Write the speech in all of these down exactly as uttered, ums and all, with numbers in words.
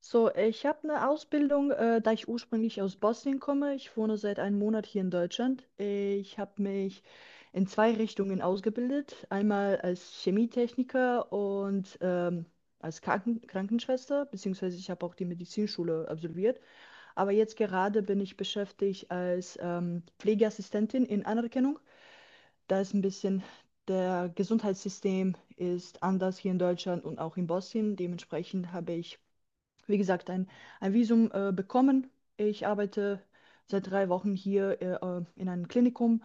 So, ich habe eine Ausbildung, äh, da ich ursprünglich aus Bosnien komme. Ich wohne seit einem Monat hier in Deutschland. Ich habe mich in zwei Richtungen ausgebildet. Einmal als Chemietechniker und ähm, als Kranken Krankenschwester, beziehungsweise ich habe auch die Medizinschule absolviert. Aber jetzt gerade bin ich beschäftigt als ähm, Pflegeassistentin in Anerkennung. Da ist ein bisschen der Gesundheitssystem ist anders hier in Deutschland und auch in Bosnien. Dementsprechend habe ich, wie gesagt, ein, ein Visum äh, bekommen. Ich arbeite seit drei Wochen hier äh, äh, in einem Klinikum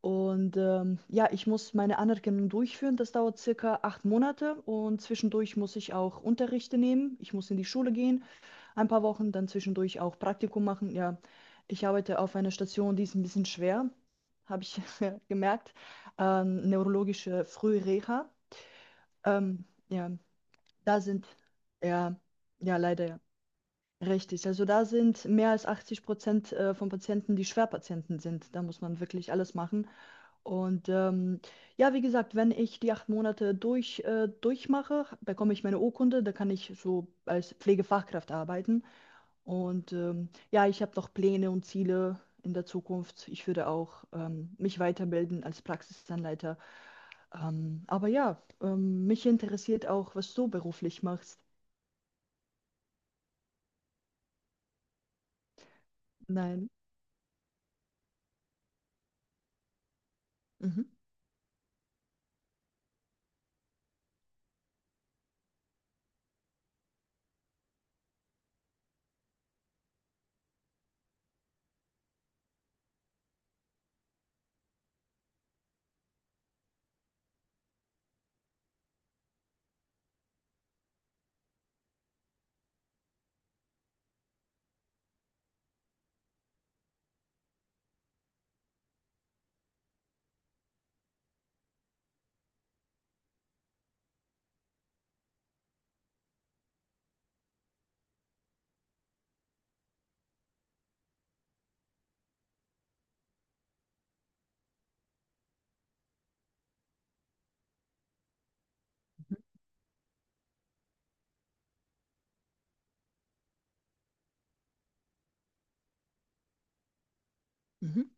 und ähm, ja, ich muss meine Anerkennung durchführen. Das dauert circa acht Monate und zwischendurch muss ich auch Unterrichte nehmen. Ich muss in die Schule gehen, ein paar Wochen, dann zwischendurch auch Praktikum machen. Ja, ich arbeite auf einer Station, die ist ein bisschen schwer, habe ich gemerkt. Ähm, neurologische Frühreha. Ähm, ja, da sind, ja, ja, leider, ja. Richtig, also da sind mehr als achtzig äh, von Patienten, die Schwerpatienten sind. Da muss man wirklich alles machen. Und ähm, ja, wie gesagt, wenn ich die acht Monate durch, äh, durchmache, bekomme ich meine Urkunde, da kann ich so als Pflegefachkraft arbeiten. Und ähm, ja, ich habe noch Pläne und Ziele in der Zukunft. Ich würde auch ähm, mich weiterbilden als Praxisanleiter. Ähm, aber ja, ähm, mich interessiert auch, was du beruflich machst. Nein. Mhm. Mhm.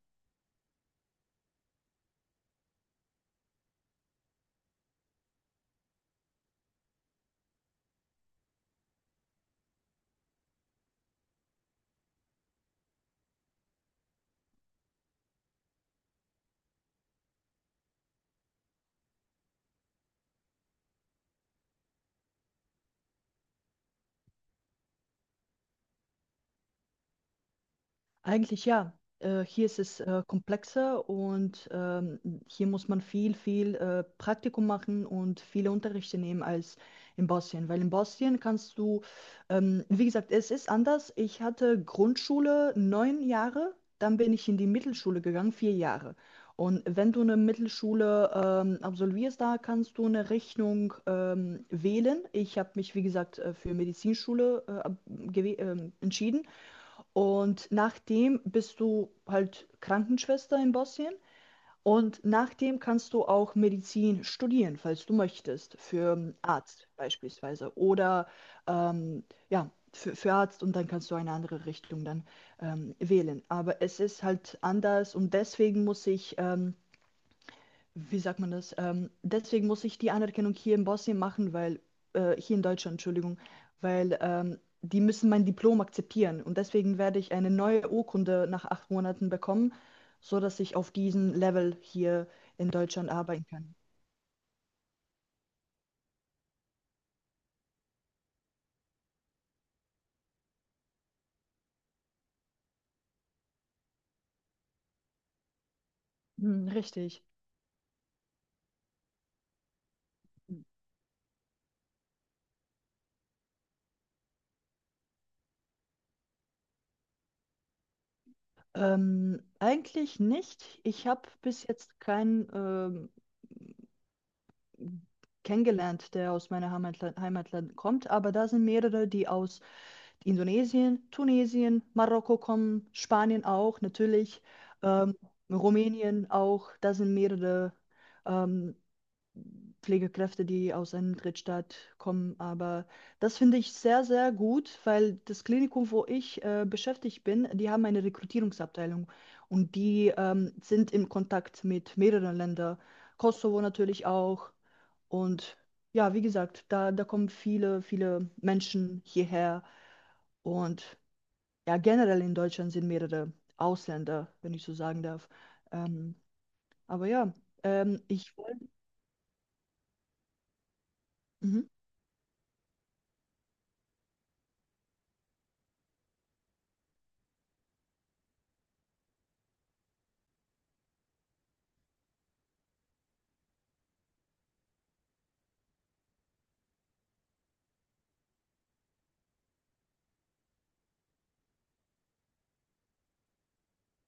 Eigentlich ja. Äh, hier ist es äh, komplexer und ähm, hier muss man viel, viel äh, Praktikum machen und viele Unterrichte nehmen als in Bosnien. Weil in Bosnien kannst du, ähm, wie gesagt, es ist anders. Ich hatte Grundschule neun Jahre, dann bin ich in die Mittelschule gegangen, vier Jahre. Und wenn du eine Mittelschule ähm, absolvierst, da kannst du eine Richtung ähm, wählen. Ich habe mich, wie gesagt, äh, für Medizinschule äh, ab- gewäh- ähm, entschieden. Und nachdem bist du halt Krankenschwester in Bosnien und nachdem kannst du auch Medizin studieren, falls du möchtest, für einen Arzt beispielsweise oder ähm, ja, für, für Arzt und dann kannst du eine andere Richtung dann ähm, wählen. Aber es ist halt anders und deswegen muss ich ähm, wie sagt man das? Ähm, deswegen muss ich die Anerkennung hier in Bosnien machen, weil, äh, hier in Deutschland, Entschuldigung, weil ähm, die müssen mein Diplom akzeptieren und deswegen werde ich eine neue Urkunde nach acht Monaten bekommen, so dass ich auf diesem Level hier in Deutschland arbeiten kann. Hm, richtig. Ähm, eigentlich nicht. Ich habe bis jetzt keinen ähm, kennengelernt, der aus meiner Heimatla Heimatland kommt, aber da sind mehrere, die aus Indonesien, Tunesien, Marokko kommen, Spanien auch natürlich, ähm, Rumänien auch. Da sind mehrere ähm, Pflegekräfte, die aus einem Drittstaat kommen. Aber das finde ich sehr, sehr gut, weil das Klinikum, wo ich äh, beschäftigt bin, die haben eine Rekrutierungsabteilung und die ähm, sind im Kontakt mit mehreren Ländern, Kosovo natürlich auch. Und ja, wie gesagt, da, da kommen viele, viele Menschen hierher und ja, generell in Deutschland sind mehrere Ausländer, wenn ich so sagen darf. Ähm, aber ja, ähm, ich wollte. Mhm,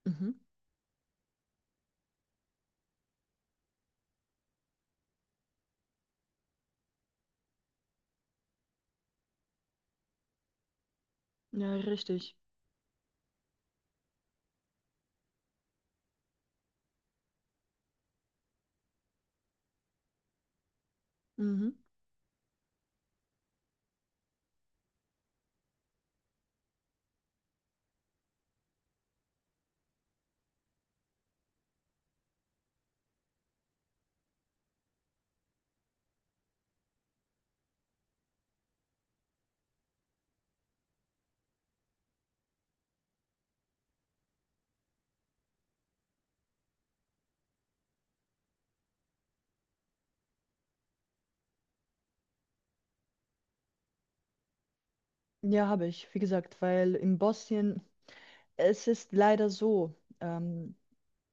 mhm, ja, richtig. Mhm. Ja, habe ich, wie gesagt, weil in Bosnien, es ist leider so, ähm,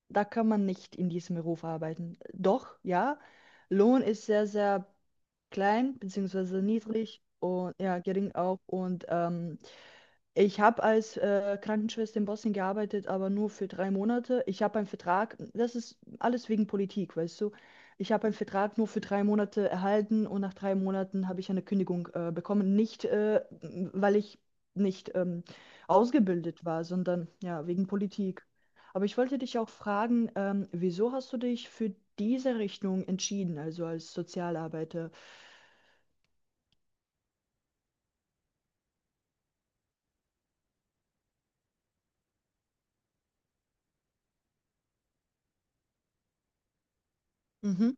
da kann man nicht in diesem Beruf arbeiten. Doch, ja, Lohn ist sehr, sehr klein, beziehungsweise niedrig und ja, gering auch. Und ähm, ich habe als äh, Krankenschwester in Bosnien gearbeitet, aber nur für drei Monate. Ich habe einen Vertrag, das ist alles wegen Politik, weißt du. Ich habe einen Vertrag nur für drei Monate erhalten und nach drei Monaten habe ich eine Kündigung äh, bekommen. Nicht, äh, weil ich nicht ähm, ausgebildet war, sondern ja, wegen Politik. Aber ich wollte dich auch fragen, ähm, wieso hast du dich für diese Richtung entschieden, also als Sozialarbeiter? Mhm,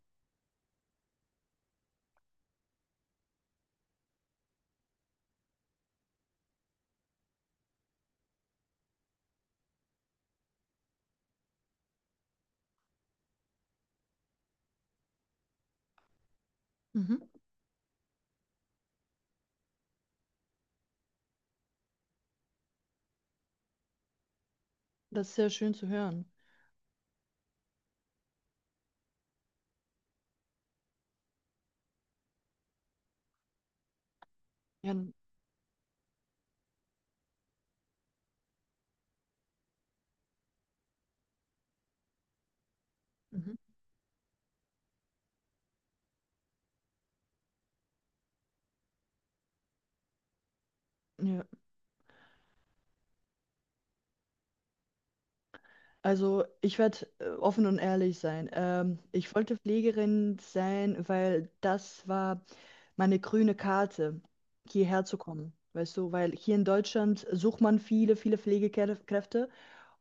mhm. Das ist sehr schön zu hören. Ja, mhm. Ja. Also, ich werde äh, offen und ehrlich sein. Ähm, ich wollte Pflegerin sein, weil das war meine grüne Karte, hierher zu kommen. Weißt du, weil hier in Deutschland sucht man viele, viele Pflegekräfte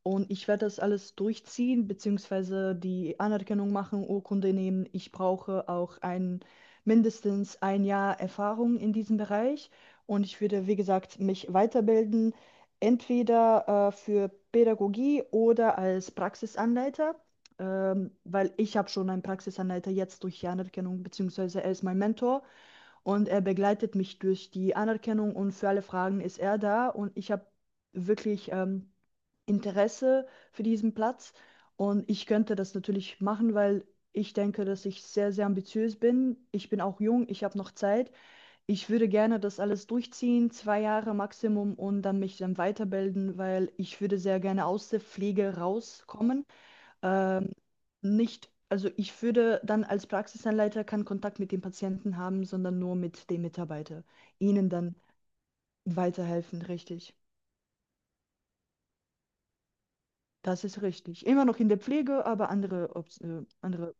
und ich werde das alles durchziehen, beziehungsweise die Anerkennung machen, Urkunde nehmen. Ich brauche auch ein, mindestens ein Jahr Erfahrung in diesem Bereich. Und ich würde, wie gesagt, mich weiterbilden, entweder äh, für Pädagogie oder als Praxisanleiter, ähm, weil ich habe schon einen Praxisanleiter jetzt durch die Anerkennung, beziehungsweise er ist mein Mentor. Und er begleitet mich durch die Anerkennung und für alle Fragen ist er da. Und ich habe wirklich... Ähm, Interesse für diesen Platz und ich könnte das natürlich machen, weil ich denke, dass ich sehr, sehr ambitiös bin. Ich bin auch jung, ich habe noch Zeit. Ich würde gerne das alles durchziehen, zwei Jahre Maximum und dann mich dann weiterbilden, weil ich würde sehr gerne aus der Pflege rauskommen. Ähm, nicht, also ich würde dann als Praxisanleiter keinen Kontakt mit den Patienten haben, sondern nur mit den Mitarbeitern, Ihnen dann weiterhelfen, richtig. Das ist richtig. Immer noch in der Pflege, aber andere, Ops- äh, andere.